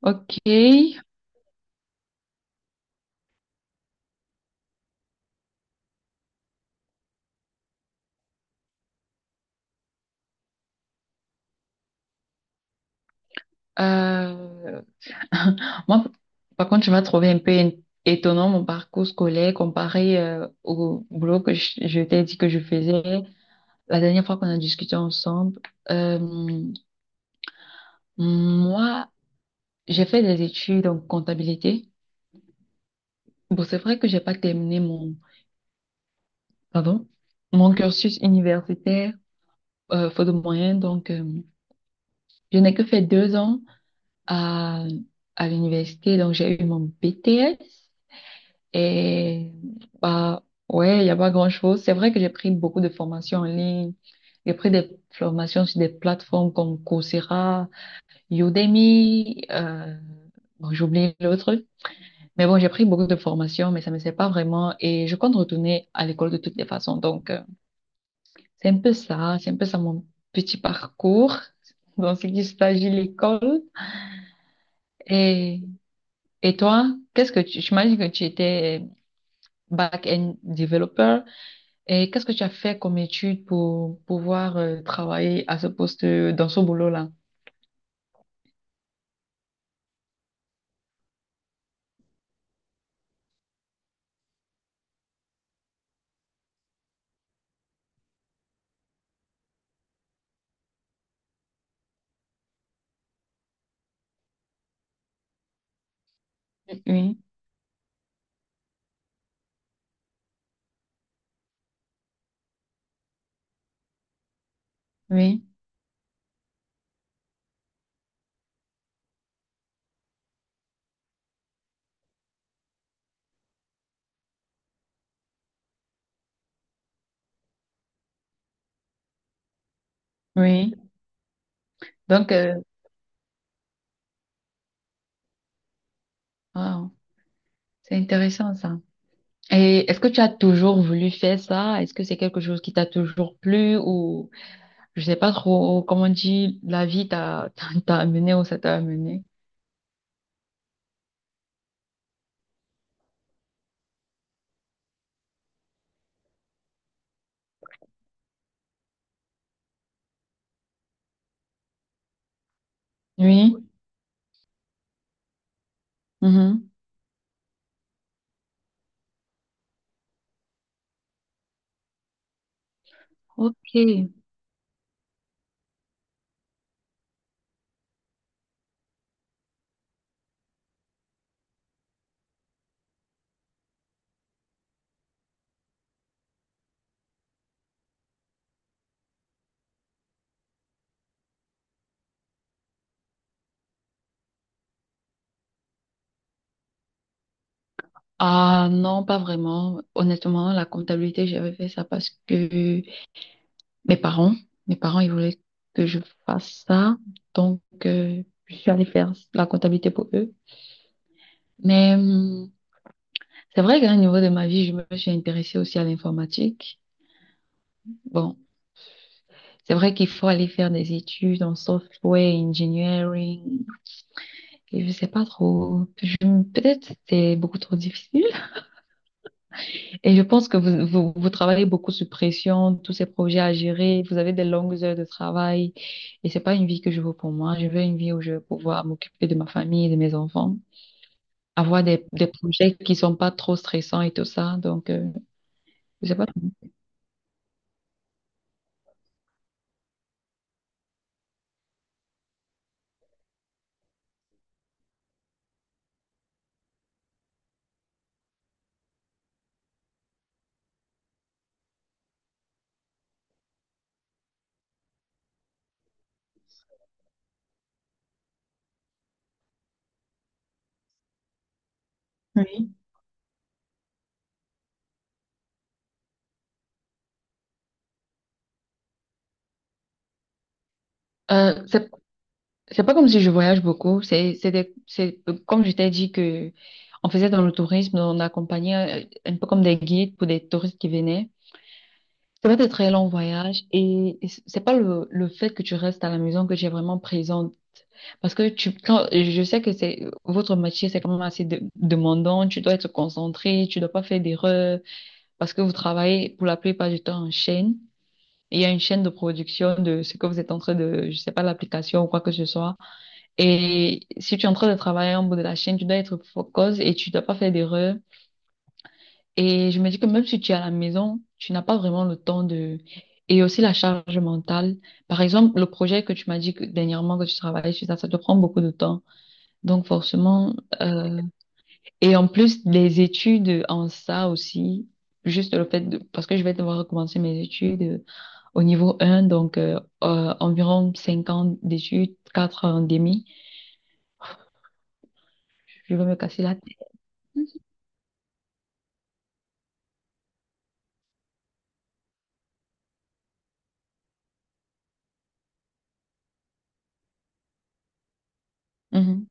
Ok. Moi, par contre, tu vas trouver un peu étonnant mon parcours scolaire comparé au boulot que je t'ai dit que je faisais la dernière fois qu'on a discuté ensemble. Euh, moi, j'ai fait des études en comptabilité. Bon, c'est vrai que j'ai pas terminé pardon, mon cursus universitaire, faute de moyens. Donc, je n'ai que fait deux ans à, à l'université. Donc, j'ai eu mon BTS. Et bah ouais, il n'y a pas grand-chose. C'est vrai que j'ai pris beaucoup de formations en ligne. J'ai pris des formations sur des plateformes comme Coursera, Udemy, bon, j'oublie l'autre. Mais bon, j'ai pris beaucoup de formations, mais ça ne me sert pas vraiment. Et je compte retourner à l'école de toutes les façons. Donc, c'est un peu ça mon petit parcours dans ce qui s'agit de l'école. Et, et toi, j'imagine que tu étais back-end developer. Et qu'est-ce que tu as fait comme étude pour pouvoir travailler à ce poste, dans ce boulot-là? Oui, oui, oui. Donc, wow, c'est intéressant ça. Et est-ce que tu as toujours voulu faire ça? Est-ce que c'est quelque chose qui t'a toujours plu ou je sais pas trop comment on dit, la vie t'a t'a amené où ça t'a amené? Oui. Mhm. Ok. Ah non, pas vraiment. Honnêtement, la comptabilité, j'avais fait ça parce que Mes parents, mes parents, ils voulaient que je fasse ça. Donc, je suis allée faire la comptabilité pour eux. Mais c'est vrai qu'à un niveau de ma vie, je me suis intéressée aussi à l'informatique. Bon, c'est vrai qu'il faut aller faire des études en software engineering. Et je sais pas trop. Peut-être c'est beaucoup trop difficile. Et je pense que vous travaillez beaucoup sous pression, tous ces projets à gérer, vous avez des longues heures de travail et c'est pas une vie que je veux pour moi. Je veux une vie où je vais pouvoir m'occuper de ma famille, de mes enfants, avoir des projets qui sont pas trop stressants et tout ça. Donc, je sais pas. Oui. Euh, c'est, c'est pas comme si je voyage beaucoup. C'est comme je t'ai dit que on faisait dans le tourisme, on accompagnait un peu comme des guides pour des touristes qui venaient. Ça va être très long voyage et c'est pas le fait que tu restes à la maison que tu es vraiment présente. Parce que je sais que votre métier, c'est quand même assez demandant. Tu dois être concentré, tu dois pas faire d'erreurs parce que vous travaillez pour la plupart du temps en chaîne. Il y a une chaîne de production de ce que vous êtes en train de, je sais pas, l'application ou quoi que ce soit. Et si tu es en train de travailler en bout de la chaîne, tu dois être focus et tu dois pas faire d'erreurs. Et je me dis que même si tu es à la maison, tu n'as pas vraiment le temps de… Et aussi la charge mentale. Par exemple, le projet que tu m'as dit que dernièrement que tu travaillais sur ça, ça te prend beaucoup de temps. Donc forcément, euh, et en plus les études en ça aussi, juste le fait de… parce que je vais devoir recommencer mes études au niveau un donc environ 5 ans d'études, 4 ans et demi, je vais me casser la tête. Mhm.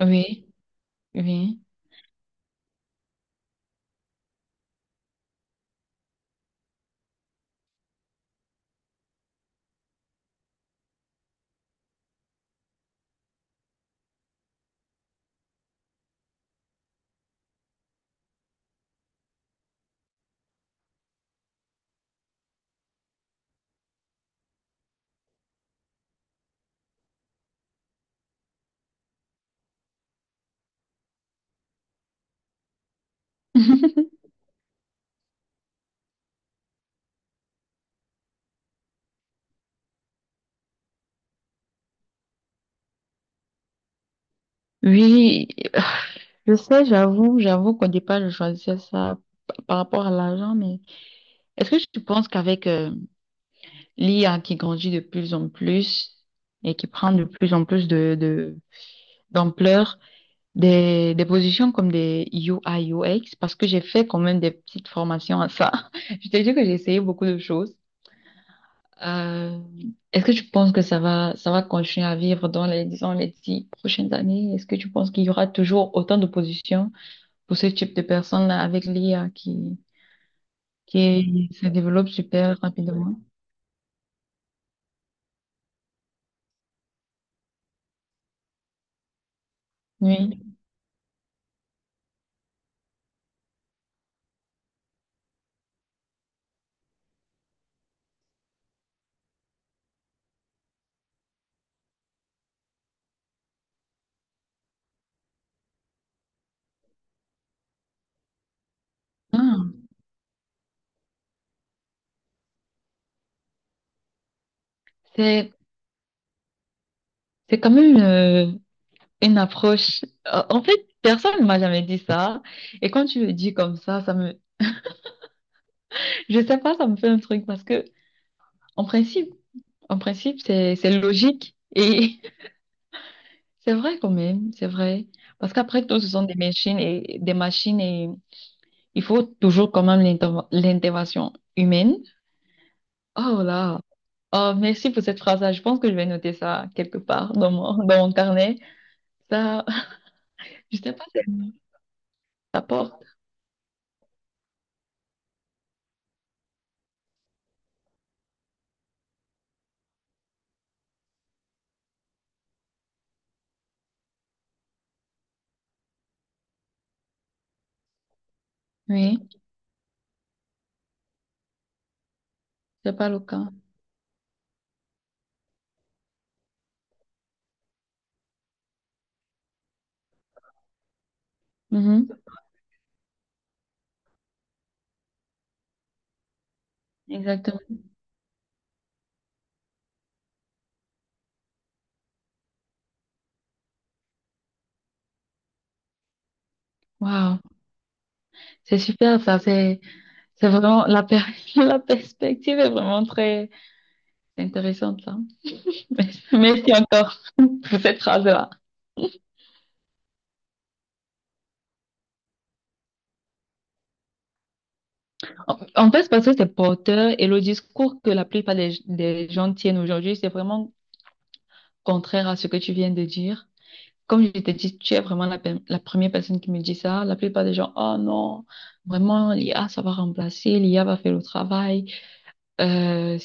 Oui, oui. Oui, je sais, j'avoue qu'au départ, je choisissais ça par rapport à l'argent, mais est-ce que tu penses qu'avec l'IA qui grandit de plus en plus et qui prend de plus en plus d'ampleur, des positions comme des UI, X, parce que j'ai fait quand même des petites formations à ça, je t'ai dit que j'ai essayé beaucoup de choses. Euh, est-ce que tu penses que ça va continuer à vivre dans les, disons, les dix prochaines années? Est-ce que tu penses qu'il y aura toujours autant de positions pour ce type de personnes-là avec qui se développe super rapidement. Oui. Ah, c'est, c'est quand même une approche. En fait, personne ne m'a jamais dit ça. Et quand tu le dis comme ça, je sais pas, ça me fait un truc parce que, en principe, en principe, c'est logique. Et c'est vrai quand même, c'est vrai. Parce qu'après tout, ce sont des machines et il faut toujours quand même l'intervention humaine. Oh là. Oh, merci pour cette phrase-là. Je pense que je vais noter ça quelque part dans dans mon carnet. Ça, je sais pas, ça porte. Oui, c'est pas le cas. Mhm. Exactement. Waouh. C'est super, ça. C'est vraiment, la perspective est vraiment très intéressante, là. Merci encore pour cette phrase-là. En fait, c'est parce que c'est porteur et le discours que la plupart des gens tiennent aujourd'hui, c'est vraiment contraire à ce que tu viens de dire. Comme je t'ai dit, tu es vraiment la première personne qui me dit ça. La plupart des gens, oh non, vraiment, l'IA, ça va remplacer, l'IA va faire le travail, euh,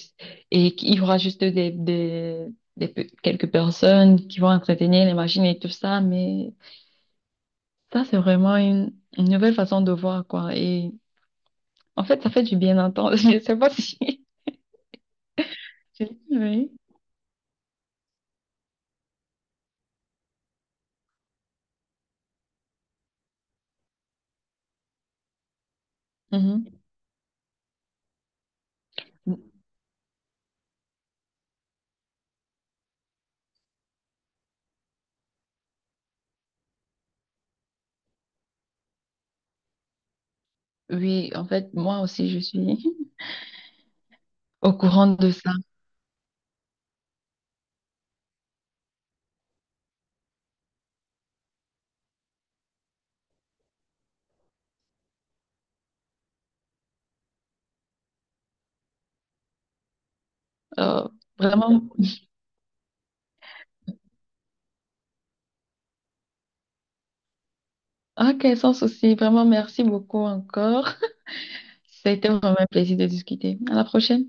et qu'il y aura juste quelques personnes qui vont entretenir les machines et tout ça. Mais ça, c'est vraiment une nouvelle façon de voir, quoi. Et en fait, ça fait du bien d'entendre. Je sais pas si… Oui. Mhm. Oui, en fait, moi aussi, je suis au courant de ça. Euh, vraiment. Ok, sans souci. Vraiment, merci beaucoup encore. Ça a été vraiment un plaisir de discuter. À la prochaine.